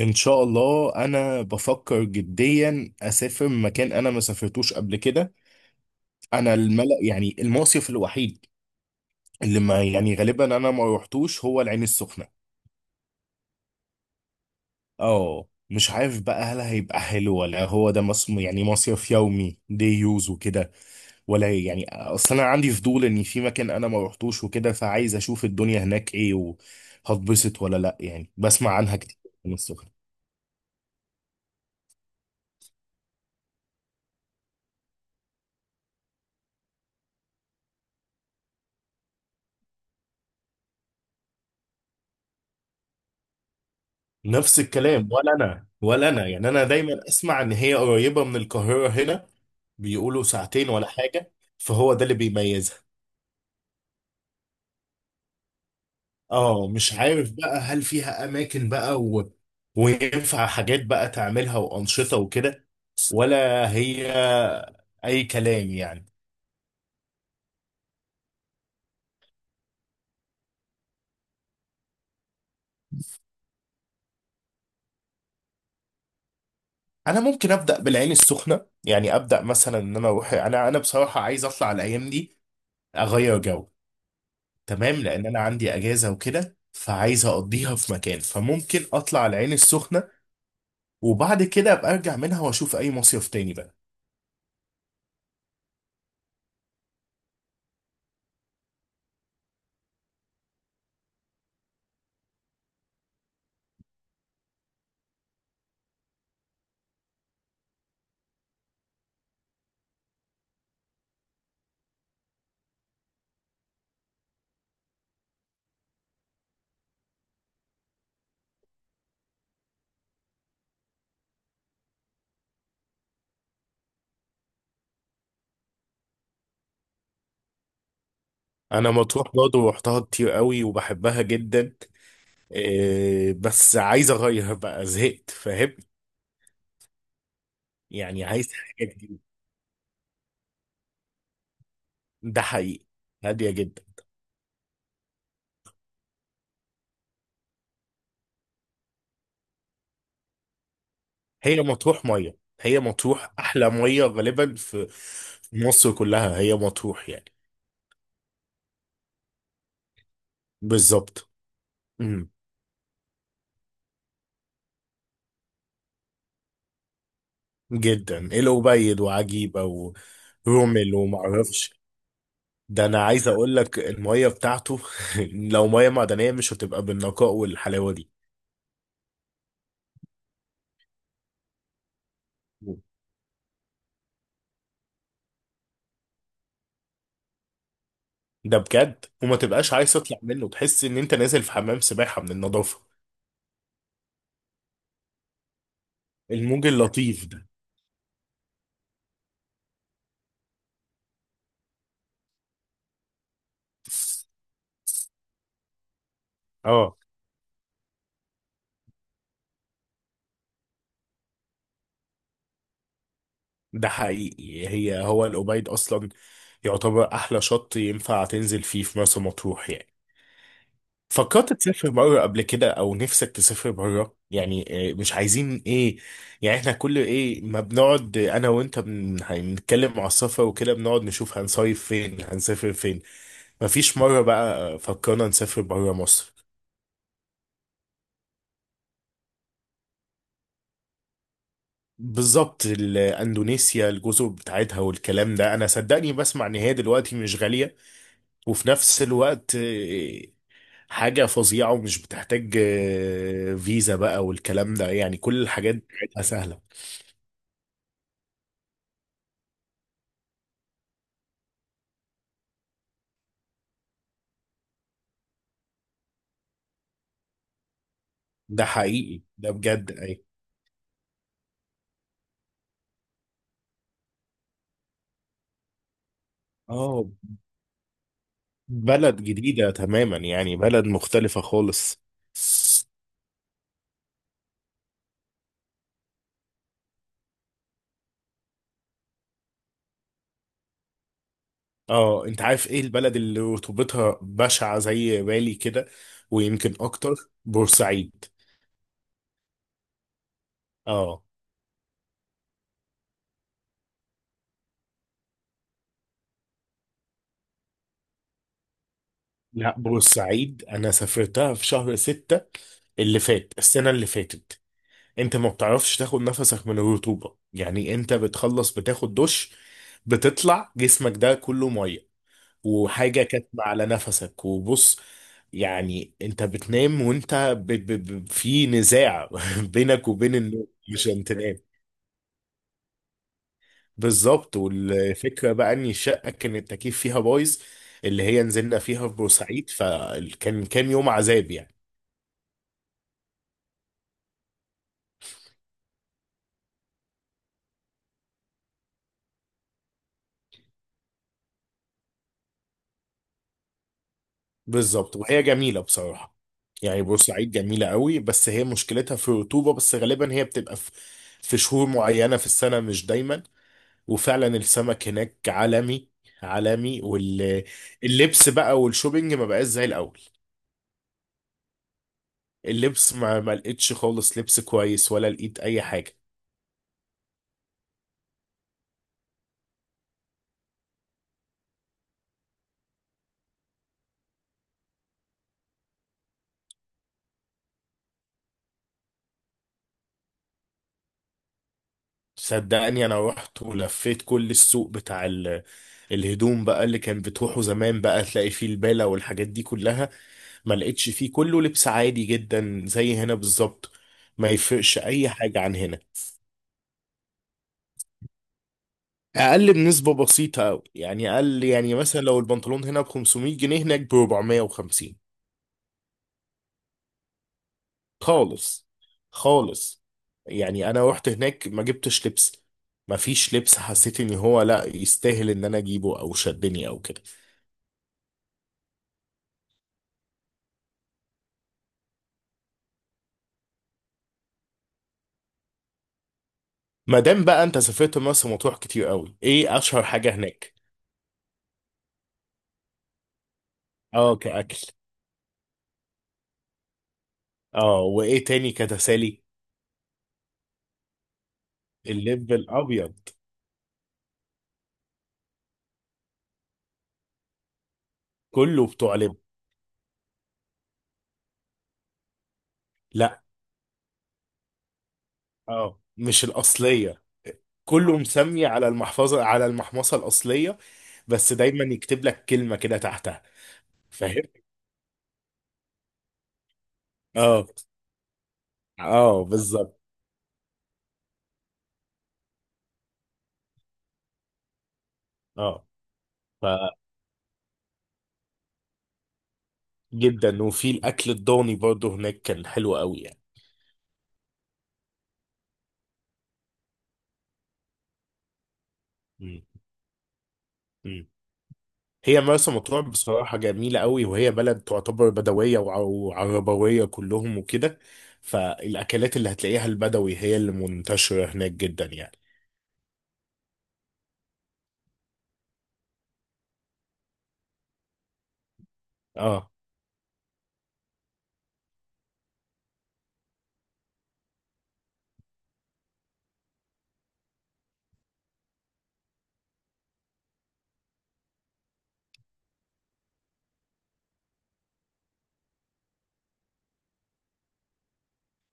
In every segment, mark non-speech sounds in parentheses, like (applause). ان شاء الله انا بفكر جديا اسافر مكان انا ما سافرتوش قبل كده. انا الملأ يعني المصيف الوحيد اللي ما يعني غالبا انا ما روحتوش هو العين السخنة. اه، مش عارف بقى هل هيبقى حلو ولا هو ده يعني مصيف يومي دي يوز وكده، ولا يعني اصل انا عندي فضول ان في مكان انا ما روحتوش وكده، فعايز اشوف الدنيا هناك ايه وهتبسط ولا لا، يعني بسمع عنها كتير من السخنة. نفس الكلام، ولا انا ولا انا، يعني انا دايما اسمع ان هي قريبه من القاهره هنا. بيقولوا ساعتين ولا حاجه، فهو ده اللي بيميزها. اه، مش عارف بقى هل فيها اماكن بقى وينفع حاجات بقى تعملها وانشطه وكده، ولا هي اي كلام يعني. انا ممكن ابدا بالعين السخنه، يعني ابدا مثلا ان انا اروح، انا بصراحه عايز اطلع الايام دي، اغير جو. تمام، لان انا عندي اجازه وكده فعايز اقضيها في مكان، فممكن اطلع العين السخنه وبعد كده ابقى ارجع منها واشوف اي مصيف تاني بقى. انا مطروح برضه رحتها كتير قوي وبحبها جدا. إيه بس عايز اغير بقى، زهقت فاهم، يعني عايز حاجه جديده. ده حقيقي. هاديه جدا. هي مطروح ميه، هي مطروح احلى ميه غالبا في في مصر كلها، هي مطروح يعني. بالظبط. جدا الأبيض وعجيبة ورومل ومعرفش. ده أنا عايز أقول لك المية بتاعته (laughs) لو مية معدنية مش هتبقى بالنقاء والحلاوة دي. ده بجد، وما تبقاش عايز تطلع منه، تحس إن أنت نازل في حمام سباحة من النظافة. الموج اللطيف ده. اه. ده حقيقي، هي هو الأبيض أصلا يعتبر أحلى شط ينفع تنزل فيه في مرسى مطروح يعني. فكرت تسافر بره قبل كده او نفسك تسافر بره يعني؟ آه، مش عايزين ايه، يعني احنا كل ايه ما بنقعد آه، انا وانت هنتكلم على السفر وكده بنقعد نشوف هنصيف فين هنسافر فين. مفيش مرة بقى آه، فكرنا نسافر بره مصر؟ بالظبط. اندونيسيا الجزر بتاعتها والكلام ده، انا صدقني بسمع ان هي دلوقتي مش غالية، وفي نفس الوقت آه، حاجة فظيعة، ومش بتحتاج آه، فيزا بقى والكلام ده، يعني كل الحاجات بتاعتها سهلة. ده حقيقي ده بجد اي. اه. بلد جديدة تماما، يعني بلد مختلفة خالص. اه، انت عارف ايه البلد اللي رطوبتها بشعة زي بالي كده، ويمكن اكتر؟ بورسعيد. اه. لا بورسعيد انا سافرتها في شهر ستة اللي فات، السنة اللي فاتت. انت ما بتعرفش تاخد نفسك من الرطوبة، يعني انت بتخلص بتاخد دش، بتطلع جسمك ده كله مية، وحاجة كاتمة على نفسك وبص. يعني انت بتنام وانت في نزاع (laughs) بينك وبين النوم، مش هتنام. بالظبط، والفكرة بقى ان الشقة كان التكييف فيها بايظ، اللي هي نزلنا فيها في بورسعيد، فكان يوم عذاب يعني. بالظبط، وهي جميلة بصراحة، يعني بورسعيد جميلة قوي، بس هي مشكلتها في الرطوبة بس، غالبا هي بتبقى في في شهور معينة في السنة، مش دايما. وفعلا السمك هناك عالمي، عالمي. واللبس بقى والشوبينج ما بقاش زي الاول. اللبس ما لقيتش خالص لبس كويس، ولا لقيت اي حاجه. صدقني انا رحت ولفيت كل السوق بتاع الهدوم بقى اللي كان بتروحوا زمان بقى تلاقي فيه البالة والحاجات دي كلها. ما لقيتش فيه، كله لبس عادي جدا زي هنا بالظبط، ما يفرقش اي حاجه عن هنا. اقل بنسبه بسيطه قوي، يعني اقل، يعني مثلا لو البنطلون هنا ب 500 جنيه، هناك ب 450. خالص. خالص، يعني انا رحت هناك ما جبتش لبس، ما فيش لبس، حسيت ان هو لا يستاهل ان انا اجيبه او شدني او كده. ما دام بقى انت سافرت مرسى مطروح كتير قوي، ايه اشهر حاجه هناك؟ اه كاكل؟ اه، وايه تاني كتسالي؟ اللب الابيض. كله بتوع لب. لا. اه مش الاصليه. كله مسمي على المحفظه، على المحمصه الاصليه، بس دايما يكتب لك كلمة كده تحتها. فاهم. اه. اه بالظبط. اه. فجدا، وفي الاكل الضاني برضه هناك كان حلو قوي يعني. مم. مم. هي مرسى مطروح بصراحة جميلة قوي، وهي بلد تعتبر بدوية وعربوية كلهم وكده، فالاكلات اللي هتلاقيها البدوي هي اللي منتشرة هناك جدا يعني. اه،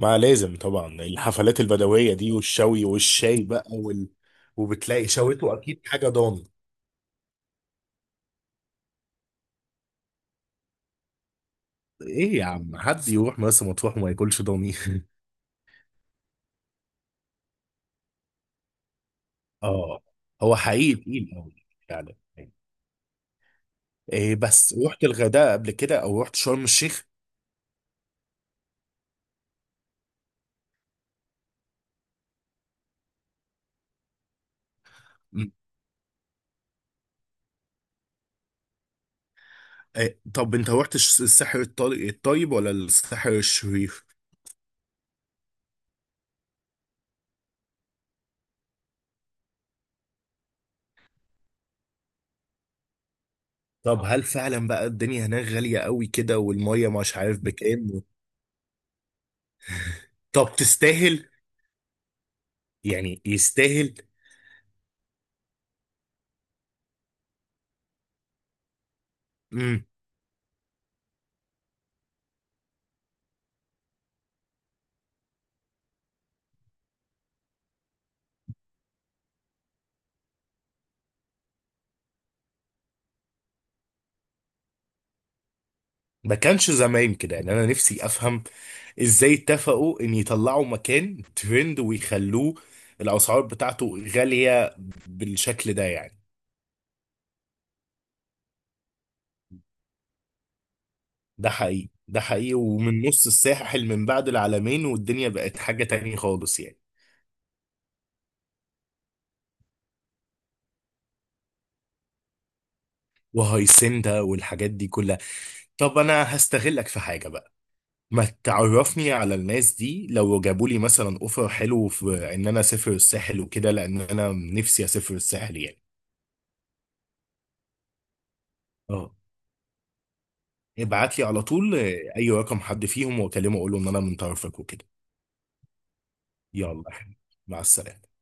ما لازم طبعا الحفلات البدوية دي والشوي والشاي بقى وال... وبتلاقي شويته اكيد حاجة ضاني. ايه يا عم، حد يروح مرسى مطروح وما ياكلش ضاني؟ (laughs) اه. هو حقيقي تقيل قوي. فعلا. إيه بس رحت الغردقه قبل كده او رحت شرم الشيخ؟ مم. إيه، طب انت رحت الساحر الطيب ولا الساحر الشرير؟ طب هل فعلا بقى الدنيا هناك غاليه قوي كده، والميه مش عارف بكام؟ طب تستاهل؟ يعني يستاهل؟ ما كانش زمان كده، يعني انا نفسي افهم ازاي اتفقوا ان يطلعوا مكان ترند ويخلوه الاسعار بتاعته غالية بالشكل ده يعني. ده حقيقي ده حقيقي، ومن نص الساحل من بعد العالمين، والدنيا بقت حاجة تانية خالص يعني. وهيسندا والحاجات دي كلها. طب انا هستغلك في حاجة بقى. ما تعرفني على الناس دي، لو جابوا لي مثلا اوفر حلو في ان انا اسافر الساحل وكده، لان انا نفسي اسافر الساحل يعني. اه. ابعت لي على طول آه، اي رقم حد فيهم واكلمه اقول له ان انا من طرفك وكده. يلا يا حبيبي، مع السلامة.